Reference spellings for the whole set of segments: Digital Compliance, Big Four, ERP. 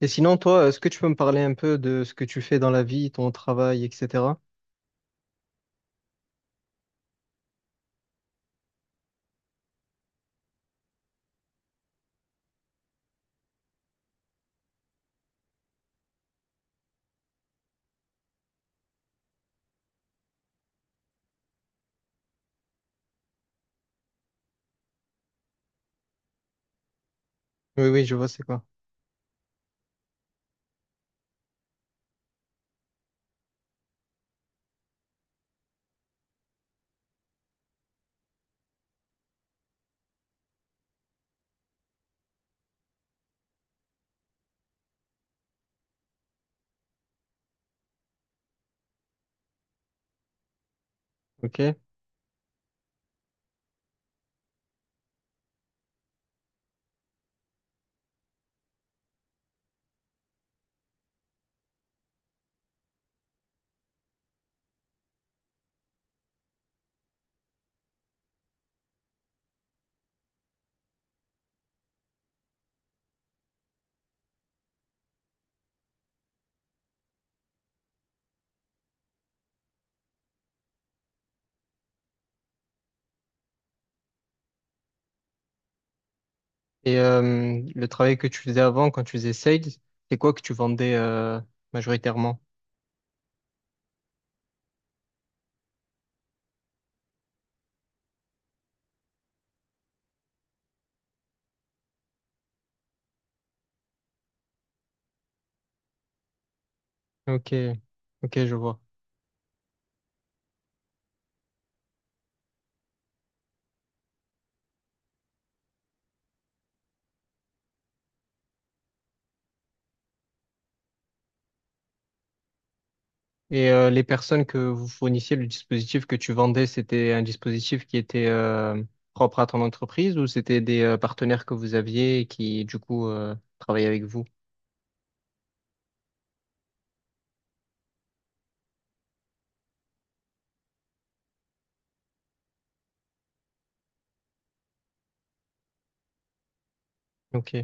Et sinon, toi, est-ce que tu peux me parler un peu de ce que tu fais dans la vie, ton travail, etc.? Oui, oui, je vois, c'est quoi. OK. Et le travail que tu faisais avant, quand tu faisais sales, c'est quoi que tu vendais majoritairement? OK. OK, je vois. Et les personnes que vous fournissiez, le dispositif que tu vendais, c'était un dispositif qui était propre à ton entreprise ou c'était des partenaires que vous aviez et qui, du coup, travaillaient avec vous? OK,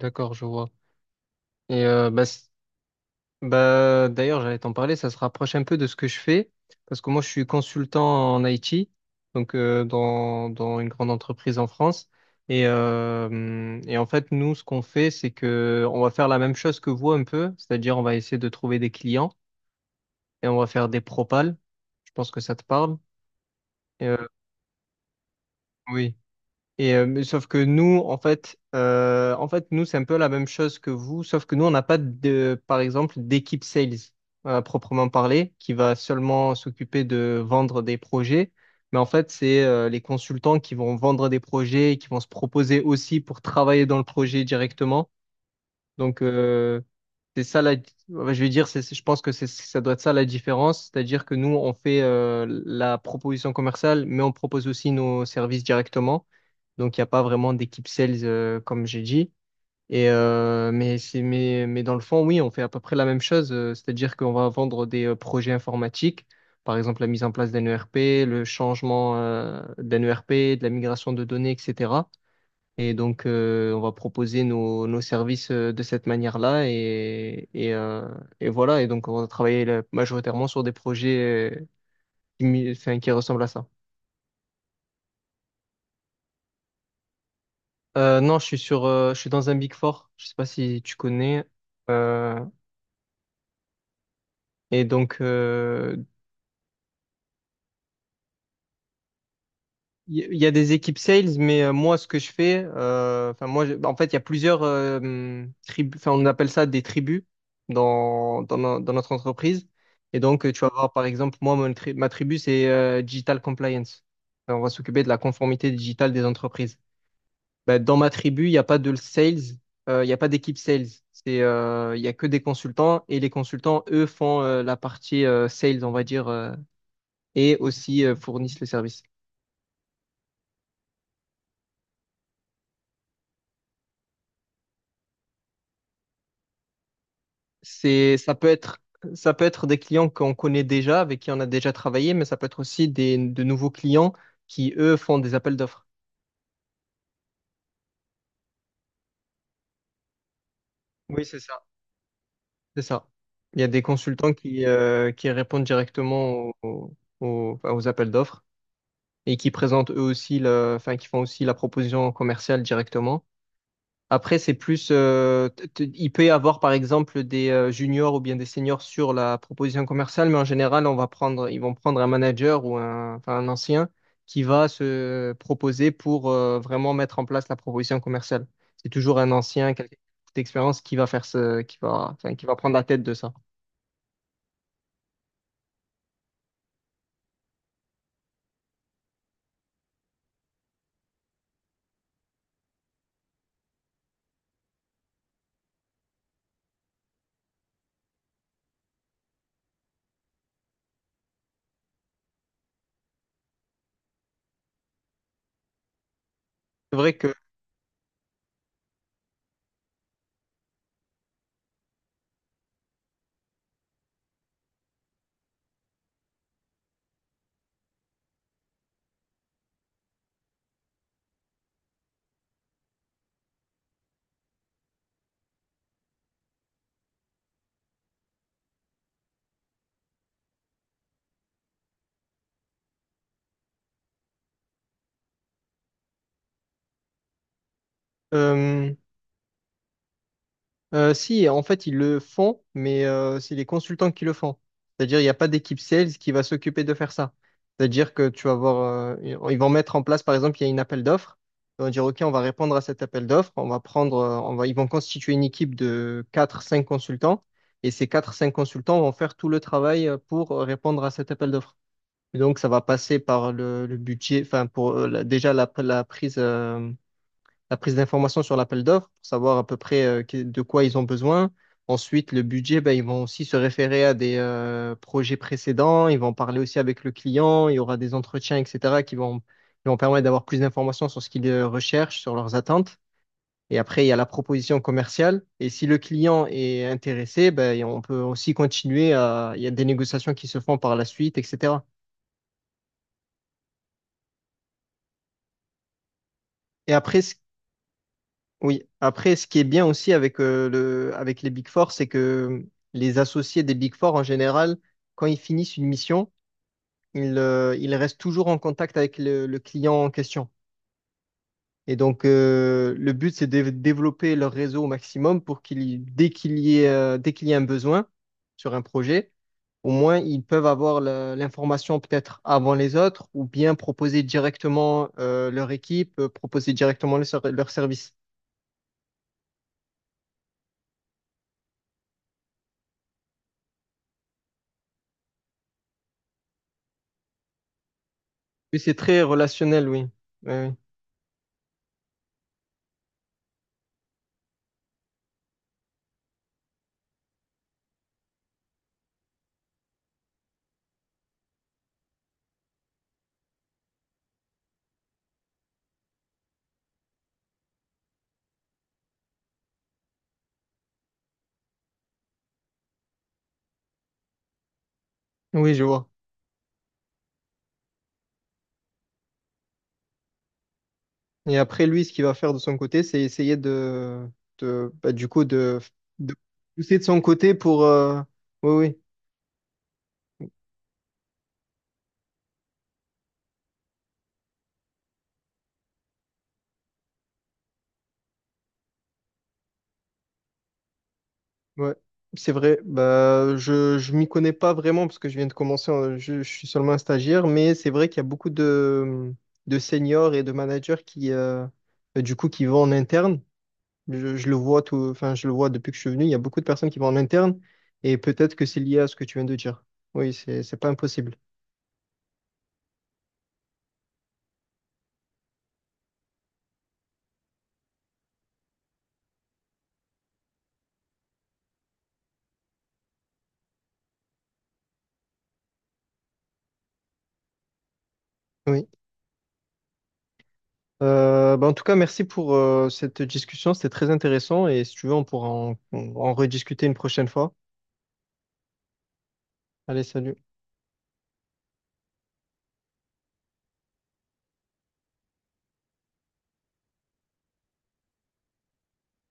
d'accord, je vois. Et Bah, d'ailleurs, j'allais t'en parler, ça se rapproche un peu de ce que je fais, parce que moi, je suis consultant en IT, donc dans, dans une grande entreprise en France. Et en fait, nous, ce qu'on fait, c'est que on va faire la même chose que vous un peu, c'est-à-dire on va essayer de trouver des clients et on va faire des propals. Je pense que ça te parle. Et, euh, oui. Et mais sauf que nous, en fait, nous, c'est un peu la même chose que vous, sauf que nous, on n'a pas de, par exemple, d'équipe sales à proprement parler, qui va seulement s'occuper de vendre des projets. Mais en fait, c'est les consultants qui vont vendre des projets, qui vont se proposer aussi pour travailler dans le projet directement. Donc, euh, c'est ça la, ouais, je vais dire, je pense que c'est, ça doit être ça la différence, c'est-à-dire que nous, on fait la proposition commerciale, mais on propose aussi nos services directement. Donc, il n'y a pas vraiment d'équipe sales, comme j'ai dit. Mais, c'est, mais dans le fond, oui, on fait à peu près la même chose, c'est-à-dire qu'on va vendre des projets informatiques, par exemple la mise en place d'un ERP, le changement d'un ERP, de la migration de données, etc. Et donc, on va proposer nos, nos services de cette manière-là. Et voilà. Et donc, on va travailler là, majoritairement sur des projets qui, enfin, qui ressemblent à ça. Non, je suis sur, je suis dans un Big Four. Je sais pas si tu connais. Euh, et donc, euh, il y a des équipes sales, mais moi, ce que je fais, enfin moi, bah, en fait, il y a plusieurs tribus, enfin on appelle ça des tribus dans, dans, dans notre entreprise. Et donc, tu vas voir, par exemple, moi, ma tribu, c'est Digital Compliance. Enfin, on va s'occuper de la conformité digitale des entreprises. Ben, dans ma tribu, il n'y a pas de sales, il n'y a pas d'équipe sales. Il n'y a que des consultants et les consultants, eux, font la partie sales, on va dire, et aussi fournissent le service. C'est, ça peut être, Ça peut être des clients qu'on connaît déjà, avec qui on a déjà travaillé, mais ça peut être aussi des, de nouveaux clients qui, eux, font des appels d'offres. Oui, c'est ça. C'est ça. Il y a des consultants qui répondent directement aux appels d'offres et qui présentent eux aussi, enfin, qui font aussi la proposition commerciale directement. Après, c'est plus, il peut y avoir par exemple des juniors ou bien des seniors sur la proposition commerciale, mais en général, ils vont prendre un manager ou un, enfin, un ancien qui va se proposer pour vraiment mettre en place la proposition commerciale. C'est toujours un ancien, quelqu'un d'expérience qui va faire ce, qui va, enfin, qui va prendre la tête de ça. C'est vrai que euh, si, en fait, ils le font, mais c'est les consultants qui le font. C'est-à-dire, il n'y a pas d'équipe sales qui va s'occuper de faire ça. C'est-à-dire que tu vas voir, ils vont mettre en place, par exemple, il y a une appel d'offres. Ils vont dire, OK, on va répondre à cet appel d'offres. On va prendre, on va, Ils vont constituer une équipe de quatre, cinq consultants. Et ces quatre, cinq consultants vont faire tout le travail pour répondre à cet appel d'offres. Et donc, ça va passer par le budget, enfin, pour déjà la prise, la prise d'informations sur l'appel d'offres pour savoir à peu près de quoi ils ont besoin. Ensuite, le budget, ben, ils vont aussi se référer à des projets précédents, ils vont parler aussi avec le client, il y aura des entretiens, etc., qui vont permettre d'avoir plus d'informations sur ce qu'ils recherchent, sur leurs attentes. Et après, il y a la proposition commerciale. Et si le client est intéressé, ben, on peut aussi continuer à... Il y a des négociations qui se font par la suite, etc. Et après, ce Oui, après, ce qui est bien aussi avec, avec les Big Four, c'est que les associés des Big Four, en général, quand ils finissent une mission, ils restent toujours en contact avec le client en question. Et donc, le but, c'est de développer leur réseau au maximum pour qu'il, y- dès qu'il y ait, dès qu'il y a un besoin sur un projet, au moins, ils peuvent avoir l'information peut-être avant les autres ou bien proposer directement, leur équipe, proposer directement leur service. Oui, c'est très relationnel, oui. Oui, oui. Oui, je vois. Et après, lui, ce qu'il va faire de son côté, c'est essayer de, bah, du coup, de pousser de son côté pour. Oui, oui, ouais. C'est vrai. Bah, je m'y connais pas vraiment parce que je viens de commencer. Je suis seulement un stagiaire, mais c'est vrai qu'il y a beaucoup de seniors et de managers qui, bah, du coup, qui vont en interne. Je le vois tout, enfin, je le vois depuis que je suis venu. Il y a beaucoup de personnes qui vont en interne et peut-être que c'est lié à ce que tu viens de dire. Oui, c'est pas impossible. Oui. Bah, en tout cas, merci pour cette discussion. C'était très intéressant et si tu veux, on pourra en rediscuter une prochaine fois. Allez, salut.